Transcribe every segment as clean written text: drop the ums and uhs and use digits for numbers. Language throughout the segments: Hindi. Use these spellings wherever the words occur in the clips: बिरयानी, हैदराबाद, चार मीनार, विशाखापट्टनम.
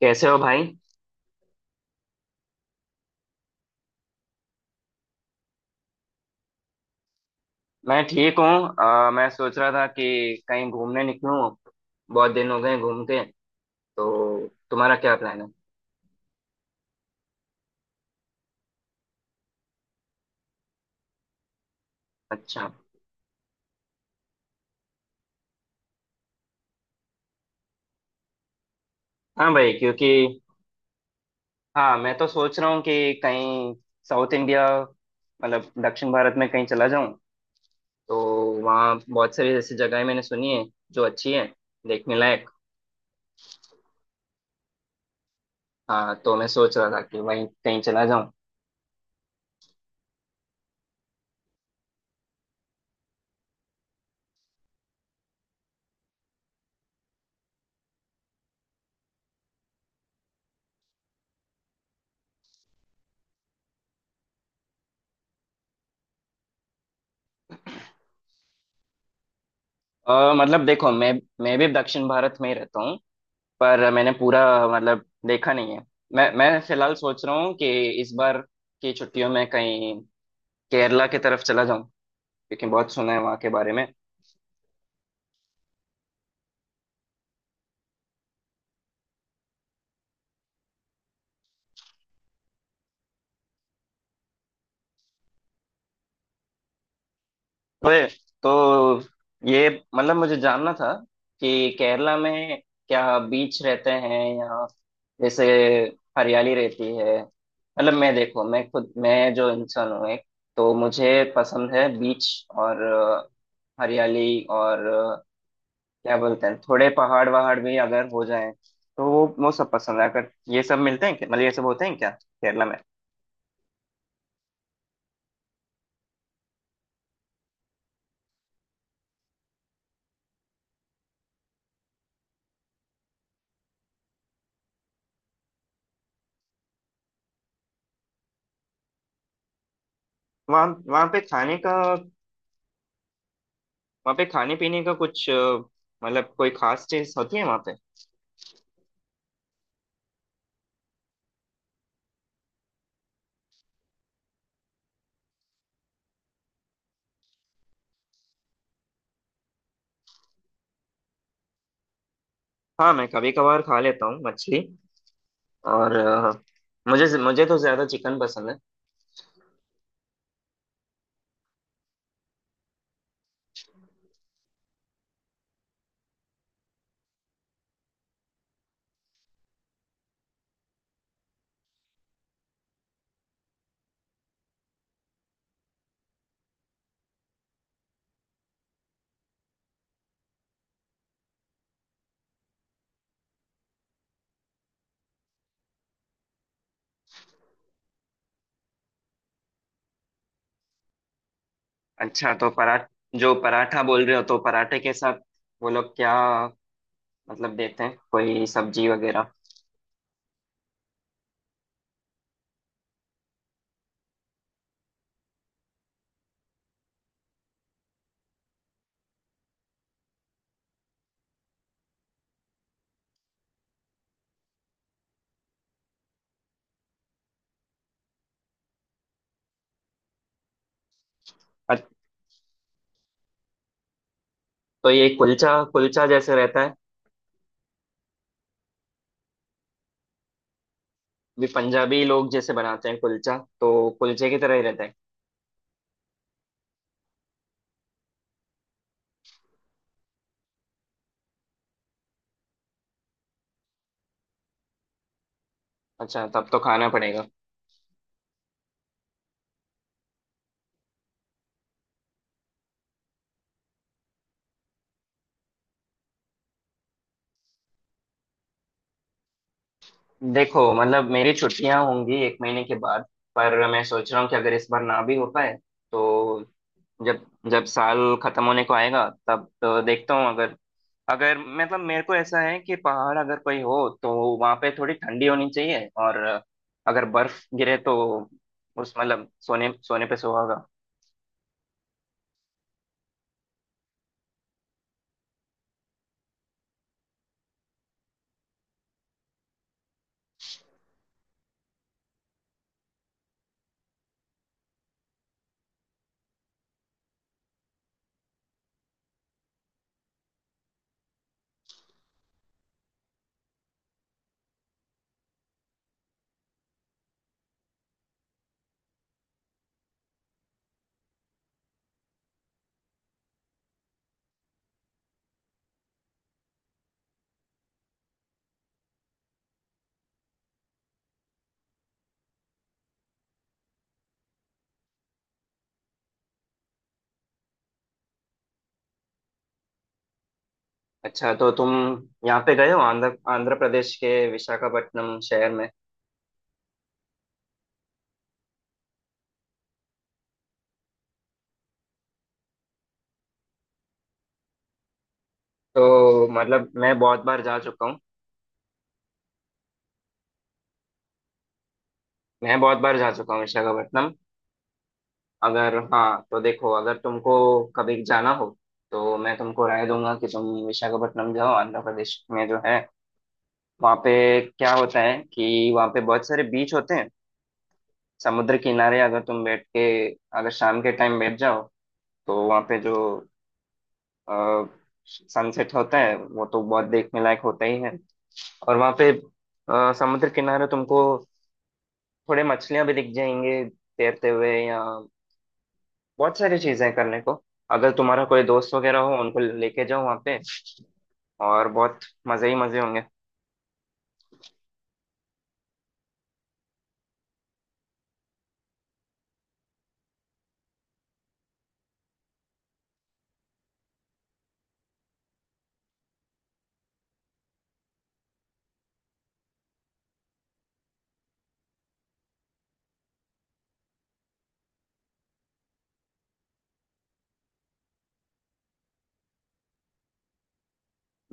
कैसे हो भाई। मैं ठीक हूँ। मैं सोच रहा था कि कहीं घूमने निकलूं। बहुत दिन हो गए घूम के। तो तुम्हारा क्या प्लान है? अच्छा। हाँ भाई, क्योंकि हाँ मैं तो सोच रहा हूँ कि कहीं साउथ इंडिया, मतलब दक्षिण भारत में कहीं चला जाऊँ। तो वहाँ बहुत सारी ऐसी जगहें मैंने सुनी है जो अच्छी है, देखने लायक। हाँ तो मैं सोच रहा था कि वहीं कहीं चला जाऊँ। मतलब देखो, मैं भी दक्षिण भारत में ही रहता हूँ, पर मैंने पूरा मतलब देखा नहीं है। मैं फिलहाल सोच रहा हूँ कि इस बार की छुट्टियों में कहीं केरला की तरफ चला जाऊं, क्योंकि बहुत सुना है वहाँ के बारे में। तो ये- तो ये मतलब मुझे जानना था कि केरला में क्या बीच रहते हैं या जैसे हरियाली रहती है। मतलब मैं, देखो मैं खुद, मैं जो इंसान हूँ एक, तो मुझे पसंद है बीच और हरियाली और क्या बोलते हैं, थोड़े पहाड़ वहाड़ भी अगर हो जाए तो वो सब पसंद है। अगर ये सब मिलते हैं क्या, मतलब ये सब होते हैं क्या केरला में? वहाँ वहाँ पे खाने का, वहाँ पे खाने पीने का कुछ मतलब कोई खास चीज होती है वहाँ पे? हाँ, मैं कभी कभार खा लेता हूँ मछली। और मुझे मुझे तो ज्यादा चिकन पसंद है। अच्छा, तो पराठ, जो पराठा बोल रहे हो, तो पराठे के साथ वो लोग क्या मतलब देते हैं, कोई सब्जी वगैरह? अ- तो ये कुलचा, कुलचा जैसे रहता है? भी पंजाबी लोग जैसे बनाते हैं कुलचा, तो कुलचे की तरह ही रहता है? अच्छा, तब तो खाना पड़ेगा। देखो मतलब मेरी छुट्टियां होंगी एक महीने के बाद, पर मैं सोच रहा हूँ कि अगर इस बार ना भी हो पाए तो जब, जब साल खत्म होने को आएगा तब तो देखता हूँ। अगर, अगर मतलब मेरे को ऐसा है कि पहाड़ अगर कोई हो तो वहां पे थोड़ी ठंडी होनी चाहिए, और अगर बर्फ गिरे तो उस मतलब सोने सोने पे सुहागा। अच्छा तो तुम यहाँ पे गए हो, आंध्र आंध्र प्रदेश के विशाखापट्टनम शहर में तो मतलब मैं बहुत बार जा चुका हूँ। मैं बहुत बार जा चुका हूँ विशाखापट्टनम। अगर हाँ, तो देखो, अगर तुमको कभी जाना हो तो मैं तुमको राय दूंगा कि तुम विशाखापट्टनम जाओ आंध्र प्रदेश में, जो है। वहाँ पे क्या होता है कि वहाँ पे बहुत सारे बीच होते हैं। समुद्र किनारे अगर तुम बैठ के, अगर शाम के टाइम बैठ जाओ, तो वहाँ पे जो सनसेट होता है वो तो बहुत देखने लायक होता ही है। और वहां पे समुद्र किनारे तुमको थोड़े मछलियां भी दिख जाएंगे तैरते हुए, या बहुत सारी चीजें हैं करने को। अगर तुम्हारा कोई दोस्त वगैरह हो, उनको लेके जाओ वहां पे और बहुत मजे ही मजे होंगे।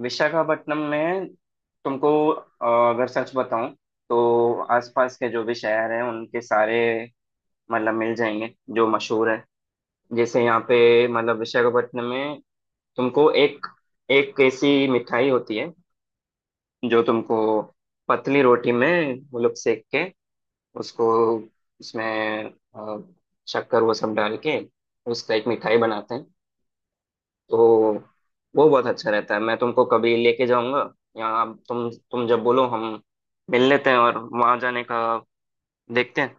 विशाखापट्टनम में तुमको, अगर सच बताऊं, तो आसपास के जो भी शहर हैं उनके सारे मतलब मिल जाएंगे जो मशहूर है। जैसे यहाँ पे, मतलब विशाखापट्टनम में, तुमको एक, एक ऐसी मिठाई होती है जो तुमको पतली रोटी में वो लोग सेक के उसको, उसमें अ, शक्कर वो सब डाल के उसका एक मिठाई बनाते हैं। तो वो बहुत अच्छा रहता है, मैं तुमको कभी लेके जाऊंगा। या तुम जब बोलो हम मिल लेते हैं और वहां जाने का देखते हैं।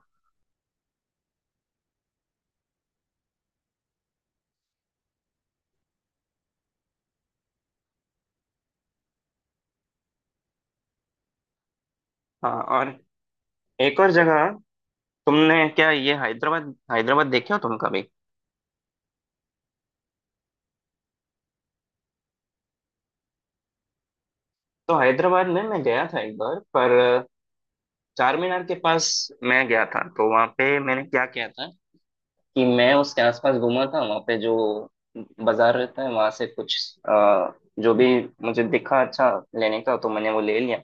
हाँ, और एक और जगह, तुमने क्या ये हैदराबाद, हैदराबाद देखे हो तुम कभी? तो हैदराबाद में मैं गया था एक बार, पर चार मीनार के पास मैं गया था। तो वहां पे मैंने क्या किया था कि मैं उसके आसपास घूमा था। वहाँ पे जो बाजार रहता है वहां से कुछ आ, जो भी मुझे दिखा अच्छा लेने का, तो मैंने वो ले लिया।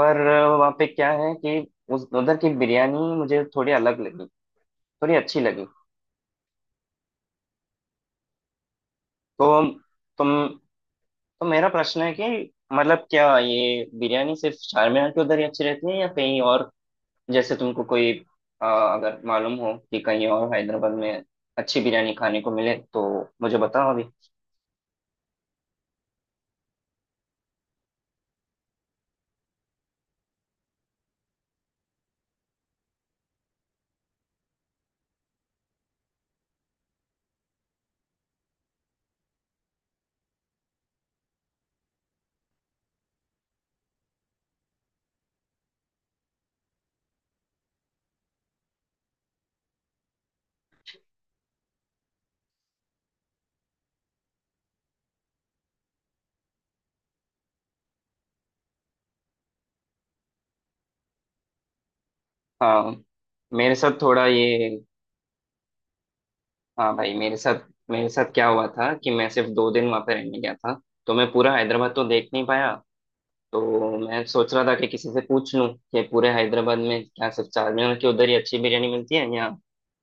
पर वहाँ पे क्या है कि उस उधर की बिरयानी मुझे थोड़ी अलग लगी, थोड़ी अच्छी लगी। तो तुम, तो मेरा प्रश्न है कि मतलब क्या ये बिरयानी सिर्फ चार मीनार के उधर ही अच्छी रहती है या कहीं और? जैसे तुमको कोई आ, अगर मालूम हो कि कहीं और हैदराबाद में अच्छी बिरयानी खाने को मिले तो मुझे बताओ अभी। हाँ, मेरे साथ थोड़ा ये, हाँ भाई मेरे साथ, मेरे साथ क्या हुआ था कि मैं सिर्फ दो दिन वहाँ पे रहने गया था, तो मैं पूरा हैदराबाद तो देख नहीं पाया। तो मैं सोच रहा था कि किसी से पूछ लूँ कि पूरे हैदराबाद में क्या सिर्फ चार मीनार की उधर ही अच्छी बिरयानी मिलती है, या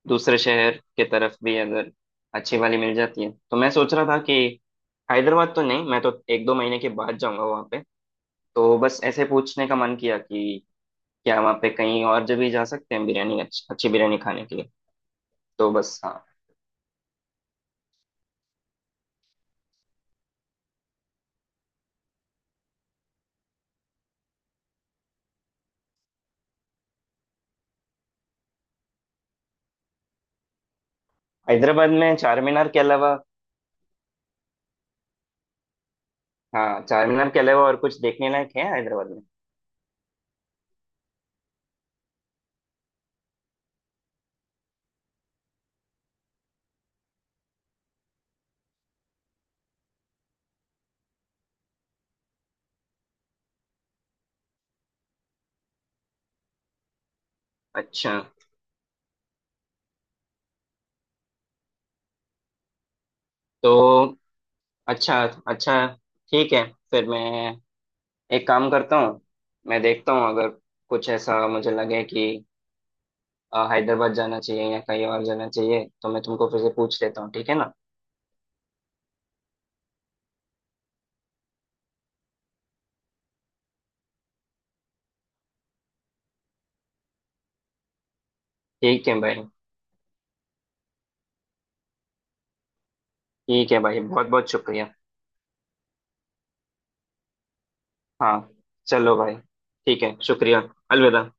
दूसरे शहर के तरफ भी अगर अच्छी वाली मिल जाती है? तो मैं सोच रहा था कि हैदराबाद तो नहीं, मैं तो एक दो महीने के बाद जाऊंगा वहाँ पे। तो बस ऐसे पूछने का मन किया कि क्या वहाँ पे कहीं और जगह जा सकते हैं बिरयानी, अच्छी अच्छी बिरयानी खाने के लिए। तो बस, हाँ। हैदराबाद में चार मीनार के अलावा, हाँ, चार मीनार के अलावा और कुछ देखने लायक है हैदराबाद में? अच्छा, तो अच्छा, अच्छा, ठीक है। फिर मैं एक काम करता हूँ, मैं देखता हूँ अगर कुछ ऐसा मुझे लगे कि हैदराबाद जाना चाहिए या कहीं और जाना चाहिए, तो मैं तुमको फिर से पूछ लेता हूँ, ठीक है ना? ठीक है भाई। ठीक है भाई, बहुत बहुत शुक्रिया। हाँ, चलो भाई, ठीक है, शुक्रिया। अलविदा।